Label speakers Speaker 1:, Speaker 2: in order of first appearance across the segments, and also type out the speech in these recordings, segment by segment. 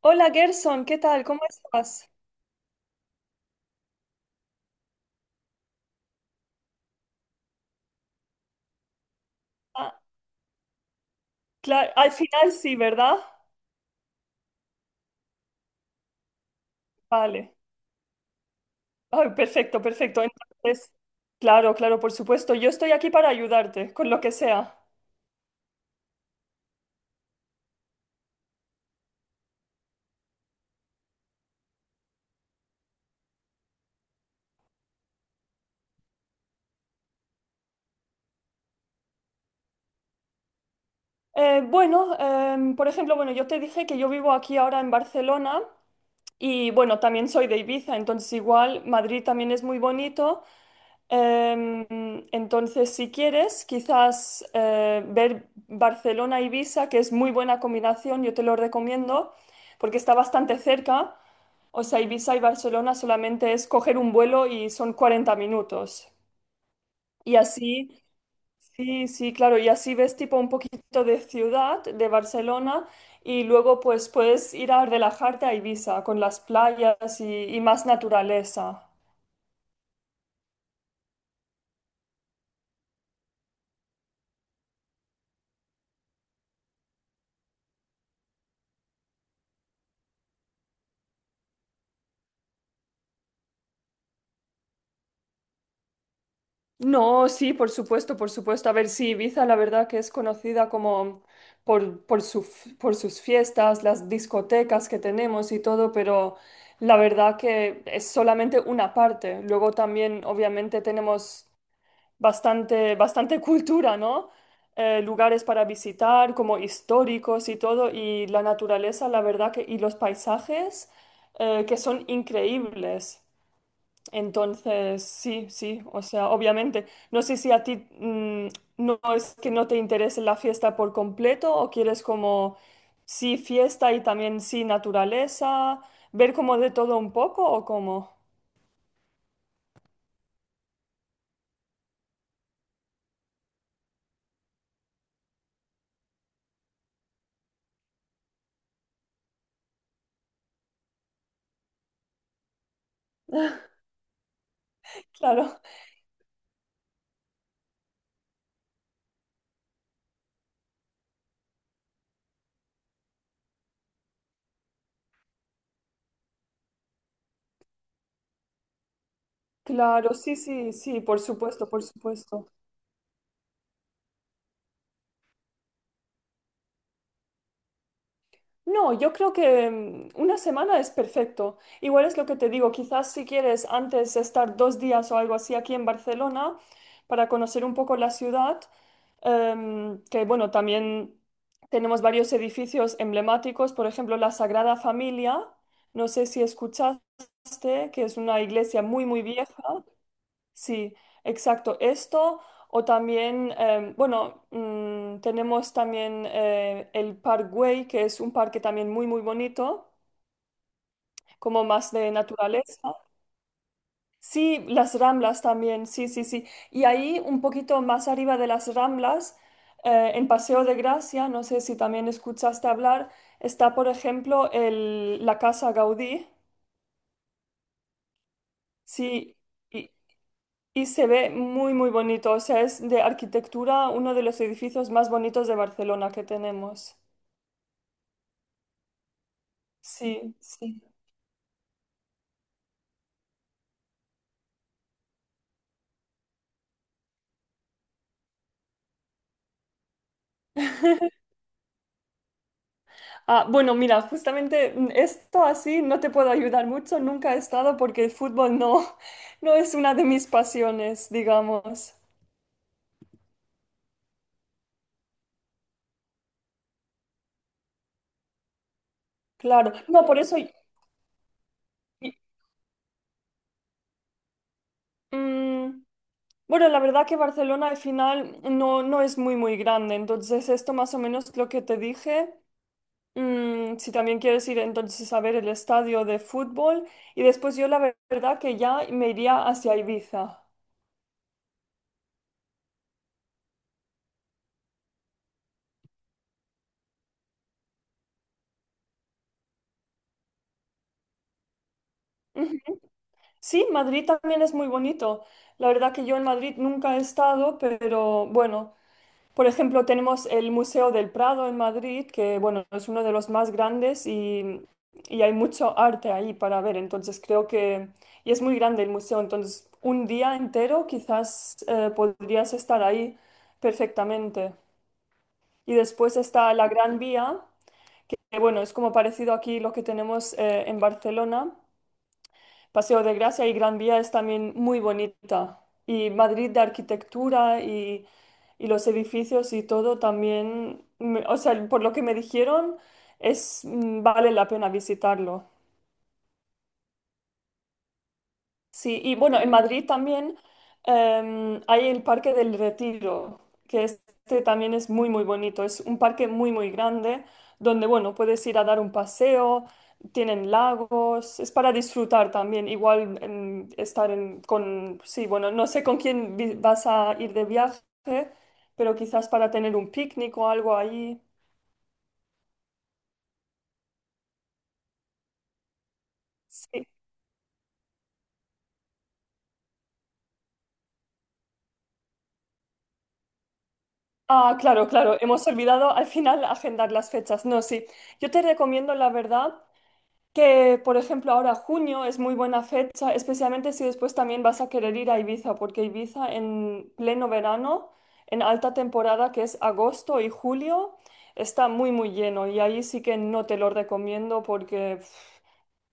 Speaker 1: Hola Gerson, ¿qué tal? ¿Cómo estás? Ah, claro, al final sí, ¿verdad? Vale. Ay, perfecto, perfecto. Entonces, claro, claro, por supuesto. Yo estoy aquí para ayudarte con lo que sea. Bueno, por ejemplo, bueno, yo te dije que yo vivo aquí ahora en Barcelona y bueno, también soy de Ibiza, entonces igual Madrid también es muy bonito. Em, entonces, si quieres, quizás ver Barcelona-Ibiza, que es muy buena combinación, yo te lo recomiendo, porque está bastante cerca. O sea, Ibiza y Barcelona solamente es coger un vuelo y son 40 minutos. Y así, sí, sí, claro, y así ves tipo un poquito de ciudad, de Barcelona, y luego pues puedes ir a relajarte a Ibiza con las playas y más naturaleza. No, sí, por supuesto, por supuesto. A ver, sí, Ibiza la verdad que es conocida como por sus fiestas, las discotecas que tenemos y todo, pero la verdad que es solamente una parte. Luego también, obviamente, tenemos bastante, bastante cultura, ¿no? Lugares para visitar, como históricos y todo, y la naturaleza, la verdad que, y los paisajes, que son increíbles. Entonces, sí, sí, o sea, obviamente. No sé si a ti no es que no te interese la fiesta por completo o quieres como sí fiesta y también sí naturaleza, ver como de todo un poco o cómo. Claro, claro, sí, sí, sí, por supuesto, por supuesto. No, yo creo que una semana es perfecto. Igual es lo que te digo, quizás si quieres antes estar 2 días o algo así aquí en Barcelona para conocer un poco la ciudad, que bueno, también tenemos varios edificios emblemáticos, por ejemplo, la Sagrada Familia, no sé si escuchaste, que es una iglesia muy, muy vieja. Sí, exacto. Esto o también, bueno, tenemos también el Parkway, que es un parque también muy, muy bonito, como más de naturaleza. Sí, las Ramblas también, sí, sí, sí. Y ahí un poquito más arriba de las Ramblas, en Paseo de Gracia, no sé si también escuchaste hablar, está, por ejemplo, la Casa Gaudí. Sí, y- Y se ve muy, muy bonito. O sea, es de arquitectura uno de los edificios más bonitos de Barcelona que tenemos. Sí, sí. Ah, bueno, mira, justamente esto así no te puedo ayudar mucho. Nunca he estado porque el fútbol no, no es una de mis pasiones, digamos. Claro. No, por eso. Y, mm, bueno, la verdad que Barcelona al final no, no es muy, muy grande. Entonces, esto más o menos lo que te dije. Si también quieres ir entonces a ver el estadio de fútbol y después yo verdad que ya me iría hacia Ibiza. Sí, Madrid también es muy bonito. La verdad que yo en Madrid nunca he estado, pero bueno, por ejemplo tenemos el Museo del Prado en Madrid, que bueno, es uno de los más grandes y hay mucho arte ahí para ver. Entonces creo que, y es muy grande el museo, entonces un día entero quizás podrías estar ahí perfectamente. Y después está la Gran Vía, que bueno, es como parecido aquí lo que tenemos en Barcelona. Paseo de Gracia y Gran Vía es también muy bonita. Y Madrid de arquitectura y los edificios y todo también, o sea, por lo que me dijeron, es, vale la pena visitarlo. Sí, y bueno, en Madrid también hay el Parque del Retiro, que este también es muy, muy bonito. Es un parque muy, muy grande donde, bueno, puedes ir a dar un paseo, tienen lagos, es para disfrutar también, igual estar en, con, sí, bueno, no sé con quién vas a ir de viaje, pero quizás para tener un picnic o algo ahí. Sí. Ah, claro, claro, hemos olvidado al final agendar las fechas. No, sí, yo te recomiendo, la verdad que, por ejemplo, ahora junio es muy buena fecha, especialmente si después también vas a querer ir a Ibiza, porque Ibiza en pleno verano, en alta temporada que es agosto y julio, está muy, muy lleno y ahí sí que no te lo recomiendo porque pf,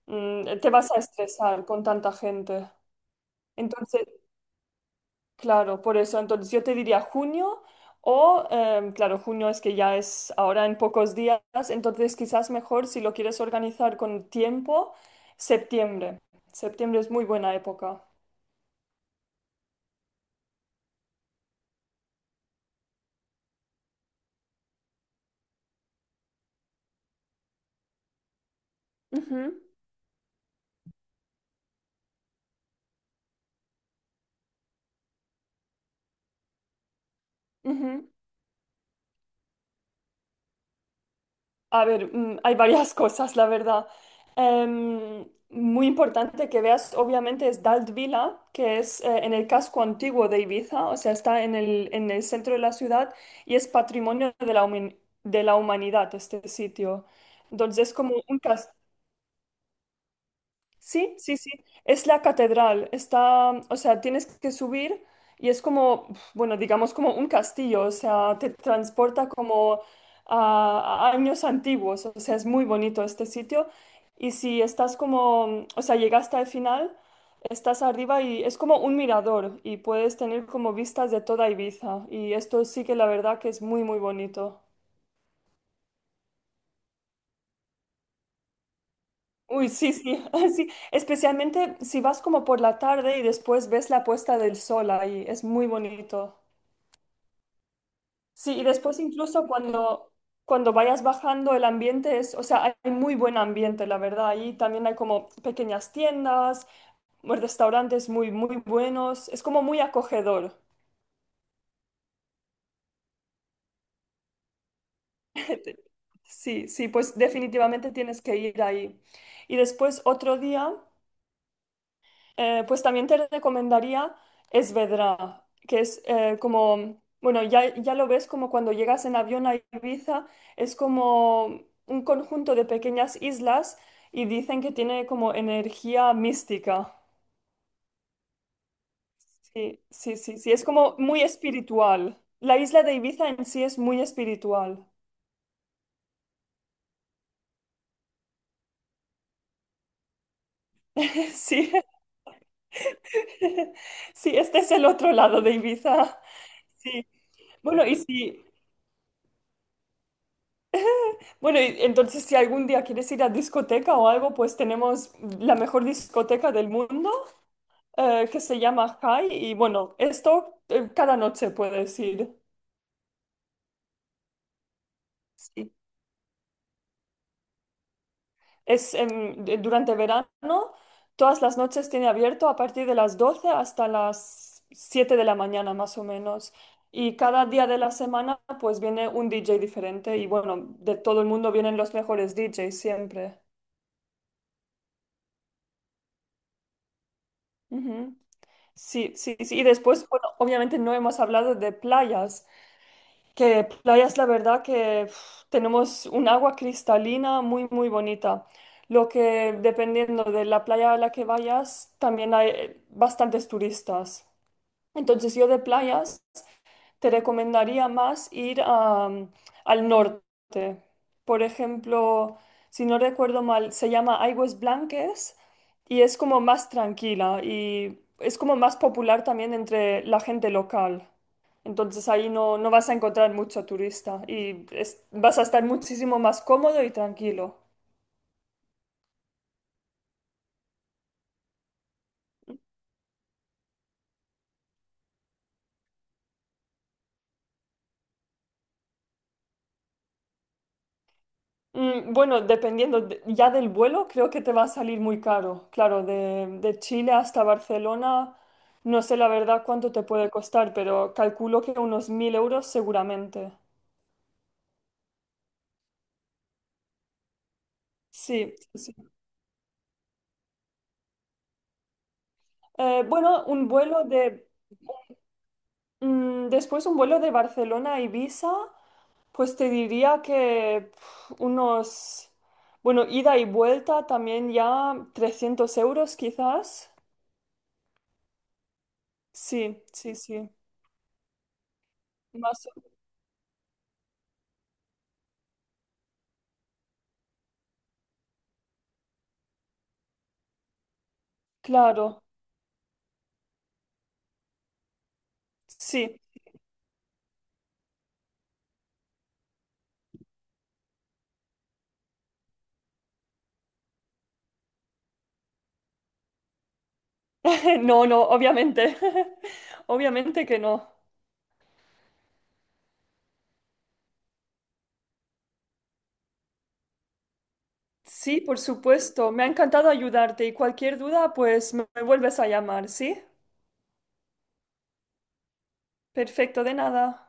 Speaker 1: mm, te vas a estresar con tanta gente. Entonces, claro, por eso entonces yo te diría junio o, claro, junio es que ya es ahora en pocos días, entonces quizás mejor si lo quieres organizar con tiempo, septiembre. Septiembre es muy buena época. Ujú, ujú. A ver, hay varias cosas, la verdad. Muy importante que veas, obviamente, es Dalt Vila, que es en el casco antiguo de Ibiza, o sea, está en el, centro de la ciudad y es patrimonio de la humanidad este sitio. Entonces, es como un castillo. Sí, sí, sí. Es la catedral. Está, o sea, tienes que subir y es como, bueno, digamos como un castillo. O sea, te transporta como a años antiguos. O sea, es muy bonito este sitio. Y si estás como, o sea, llegaste al final, estás arriba y es como un mirador y puedes tener como vistas de toda Ibiza. Y esto sí que la verdad que es muy, muy bonito. Uy, sí, sí, sí. Especialmente si vas como por la tarde y después ves la puesta del sol ahí, es muy bonito. Sí, y después incluso cuando vayas bajando el ambiente es, o sea, hay muy buen ambiente, la verdad. Ahí también hay como pequeñas tiendas, restaurantes muy, muy buenos. Es como muy acogedor. Sí, sí, pues definitivamente tienes que ir ahí. Y después otro día. Pues también te recomendaría Esvedra, que es como, bueno, ya, ya lo ves como cuando llegas en avión a Ibiza, es como un conjunto de pequeñas islas y dicen que tiene como energía mística. Sí, sí, sí, sí, es como muy espiritual. La isla de Ibiza en sí es muy espiritual. Sí, sí, este es el otro lado de Ibiza. Sí. Bueno, y si, Bueno, y entonces si algún día quieres ir a discoteca o algo, pues tenemos la mejor discoteca del mundo que se llama High y bueno, esto cada noche puedes ir. Sí. Es durante verano, todas las noches tiene abierto a partir de las 12 hasta las 7 de la mañana más o menos. Y cada día de la semana pues viene un DJ diferente y bueno, de todo el mundo vienen los mejores DJs siempre. Ujú. Sí, sí, sí. Y después, bueno, obviamente no hemos hablado de playas, que playas, la verdad que uf, tenemos un agua cristalina muy, muy bonita. Lo que dependiendo de la playa a la que vayas, también hay bastantes turistas. Entonces yo de playas te recomendaría más ir al norte. Por ejemplo, si no recuerdo mal, se llama Aigües Blanques y es como más tranquila y es como más popular también entre la gente local. Entonces ahí no, no vas a encontrar mucho turista y vas a estar muchísimo más cómodo y tranquilo. Bueno, dependiendo ya del vuelo, creo que te va a salir muy caro. Claro, de Chile hasta Barcelona, no sé la verdad cuánto te puede costar, pero calculo que unos 1.000 euros seguramente. Sí, sí, sí. Bueno, un vuelo de... mm, después un vuelo de Barcelona a Ibiza, pues te diría que bueno, ida y vuelta también ya 300 euros quizás. Sí, sí, sí. Más, claro, sí. No, no, obviamente. Obviamente que no. Sí, por supuesto. Me ha encantado ayudarte y cualquier duda, pues me vuelves a llamar, ¿sí? Perfecto, de nada.